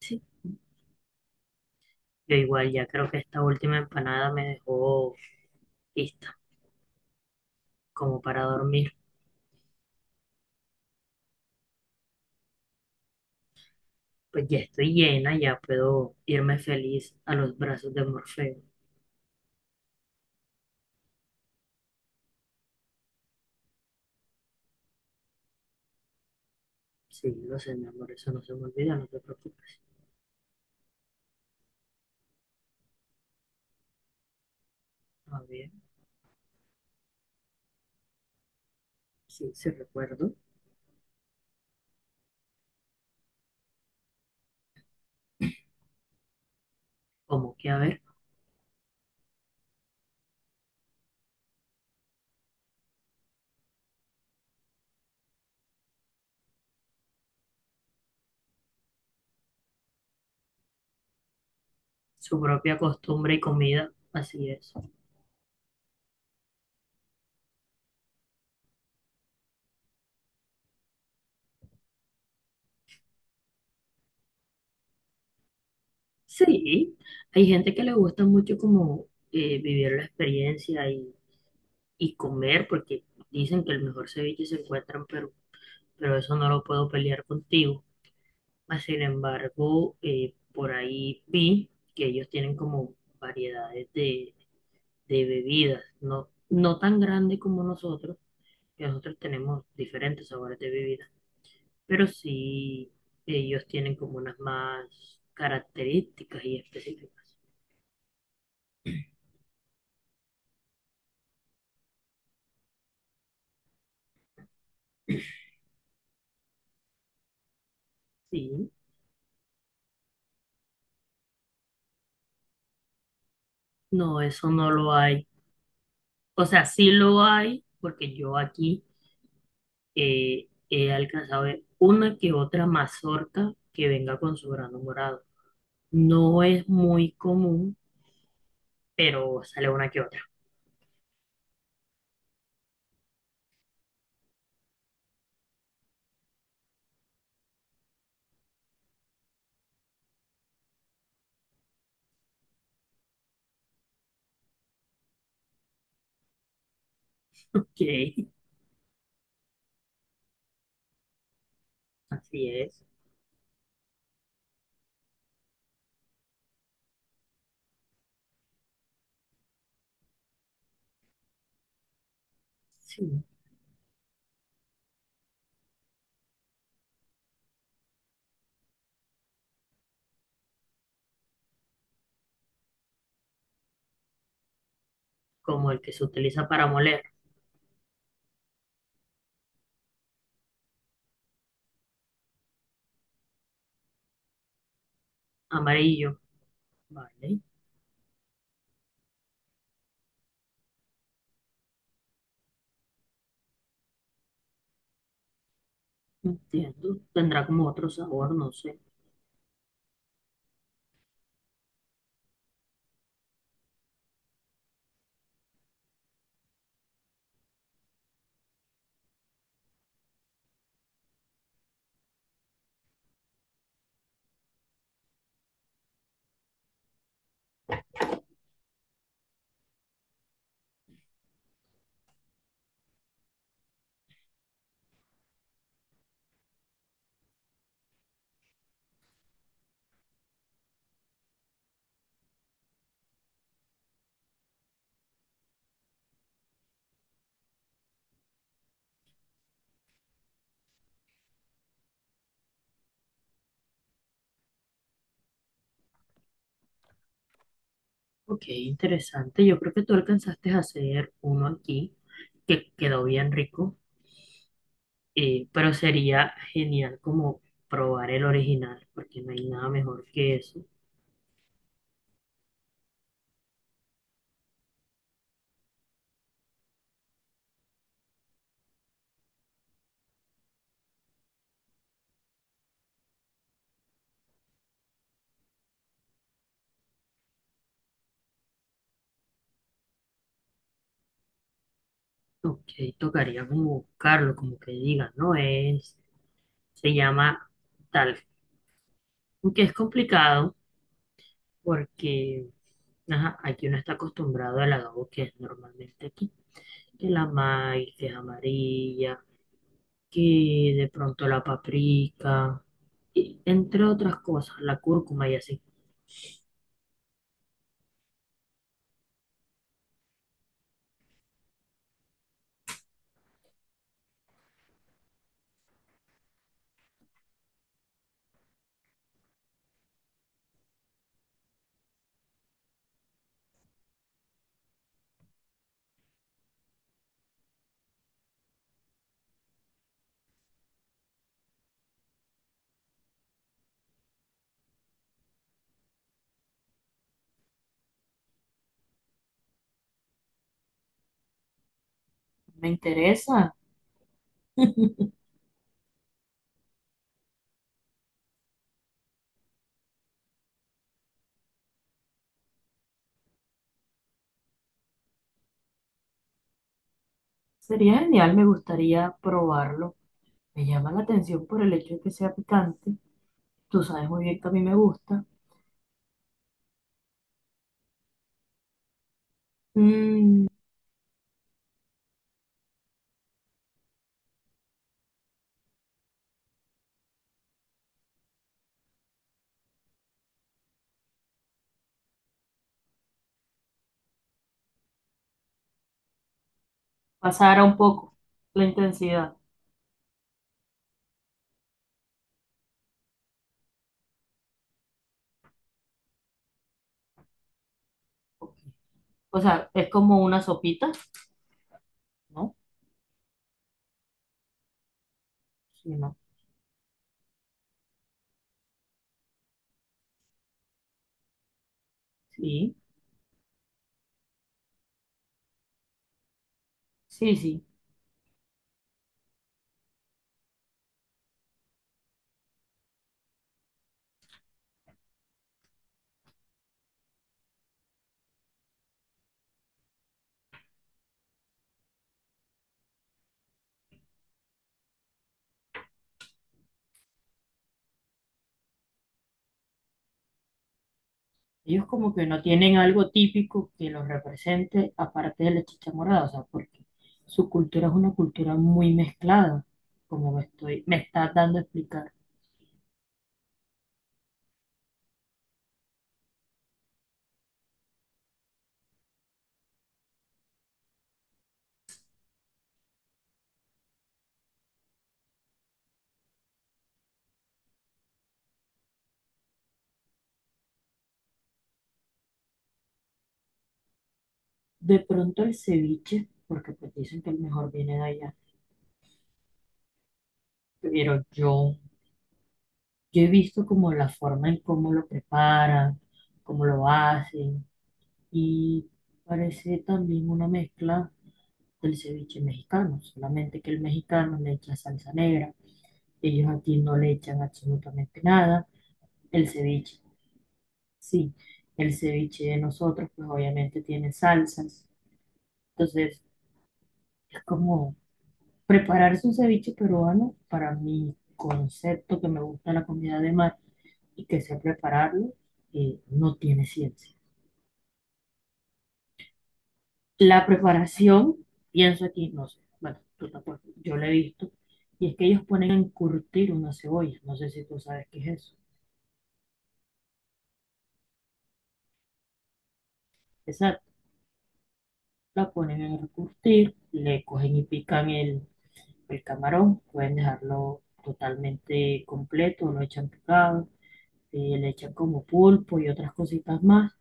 Sí, yo igual ya creo que esta última empanada me dejó lista como para dormir. Pues ya estoy llena, ya puedo irme feliz a los brazos de Morfeo. Sí, lo sé, mi amor, eso no se me olvida, no te preocupes. A ver, sí, recuerdo. Como que, a ver, su propia costumbre y comida, así es. Sí, hay gente que le gusta mucho como vivir la experiencia y comer, porque dicen que el mejor ceviche se encuentra en Perú, pero eso no lo puedo pelear contigo. Mas, sin embargo, por ahí vi que ellos tienen como variedades de bebidas, no, no tan grandes como nosotros, que nosotros tenemos diferentes sabores de bebidas, pero sí ellos tienen como unas más características y específicas. Sí, no, eso no lo hay. O sea, sí lo hay, porque yo aquí he alcanzado a ver una que otra mazorca que venga con su grano morado. No es muy común, pero sale una que otra. Ok, así es. Sí, como el que se utiliza para moler, amarillo. Vale, entiendo. Tendrá como otro sabor, no sé. Ok, interesante. Yo creo que tú alcanzaste a hacer uno aquí que quedó bien rico, pero sería genial como probar el original, porque no hay nada mejor que eso. Ok, tocaría como buscarlo, como que digan, ¿no? Es, se llama... Tal. Aunque es complicado porque ajá, aquí uno está acostumbrado al agavo que es normalmente aquí. Que la maíz, que es amarilla, que de pronto la paprika, y entre otras cosas, la cúrcuma y así. Me interesa. Sería genial, me gustaría probarlo. Me llama la atención por el hecho de que sea picante. Tú sabes muy bien que a mí me gusta. Mm, pasara un poco la intensidad. Ok. O sea, es como una sopita, ¿no? Sí, no. Sí, sí. Ellos como que no tienen algo típico que los represente aparte de la chicha morada, o sea, porque su cultura es una cultura muy mezclada, como me estás dando a explicar. De pronto el ceviche, porque pues dicen que el mejor viene de allá, pero yo he visto como la forma en cómo lo preparan, cómo lo hacen, y parece también una mezcla del ceviche mexicano, solamente que el mexicano le echa salsa negra, ellos aquí no le echan absolutamente nada. El ceviche, sí, el ceviche de nosotros pues obviamente tiene salsas, entonces es como prepararse un ceviche peruano para mi concepto que me gusta la comida de mar y que sé prepararlo, no tiene ciencia. La preparación, pienso aquí, no sé, bueno, tú tampoco, yo la he visto, y es que ellos ponen a encurtir una cebolla, no sé si tú sabes qué es eso. Exacto, la ponen a encurtir, le cogen y pican el camarón, pueden dejarlo totalmente completo, lo echan picado, le echan como pulpo y otras cositas más,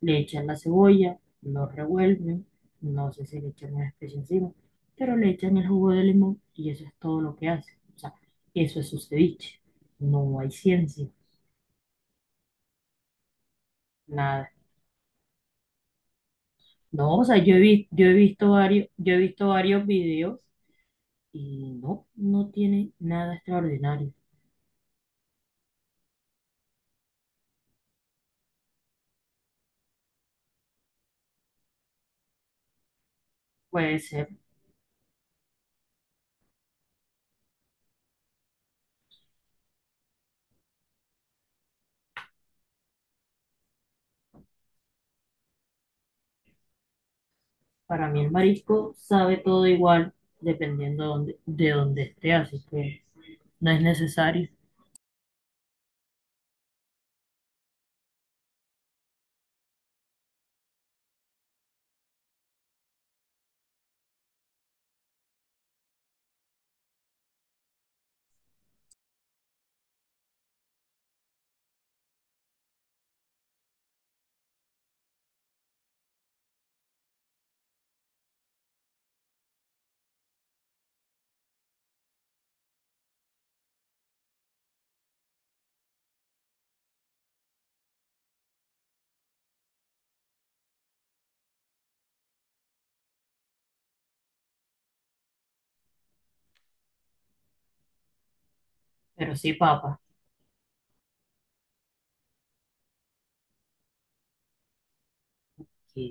le echan la cebolla, lo revuelven, no sé si le echan una especie encima, pero le echan el jugo de limón y eso es todo lo que hace. O sea, eso es su ceviche. No hay ciencia, nada. No, o sea, yo he visto varios, yo he visto varios videos y no, no tiene nada extraordinario. Puede ser, para mí el marisco sabe todo igual dependiendo de dónde esté, así que no es necesario. Pero sí, papa. ¿Qué?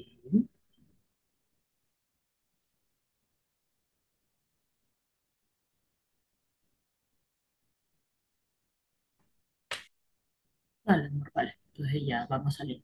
Dale, amor, vale. Entonces ya vamos a salir.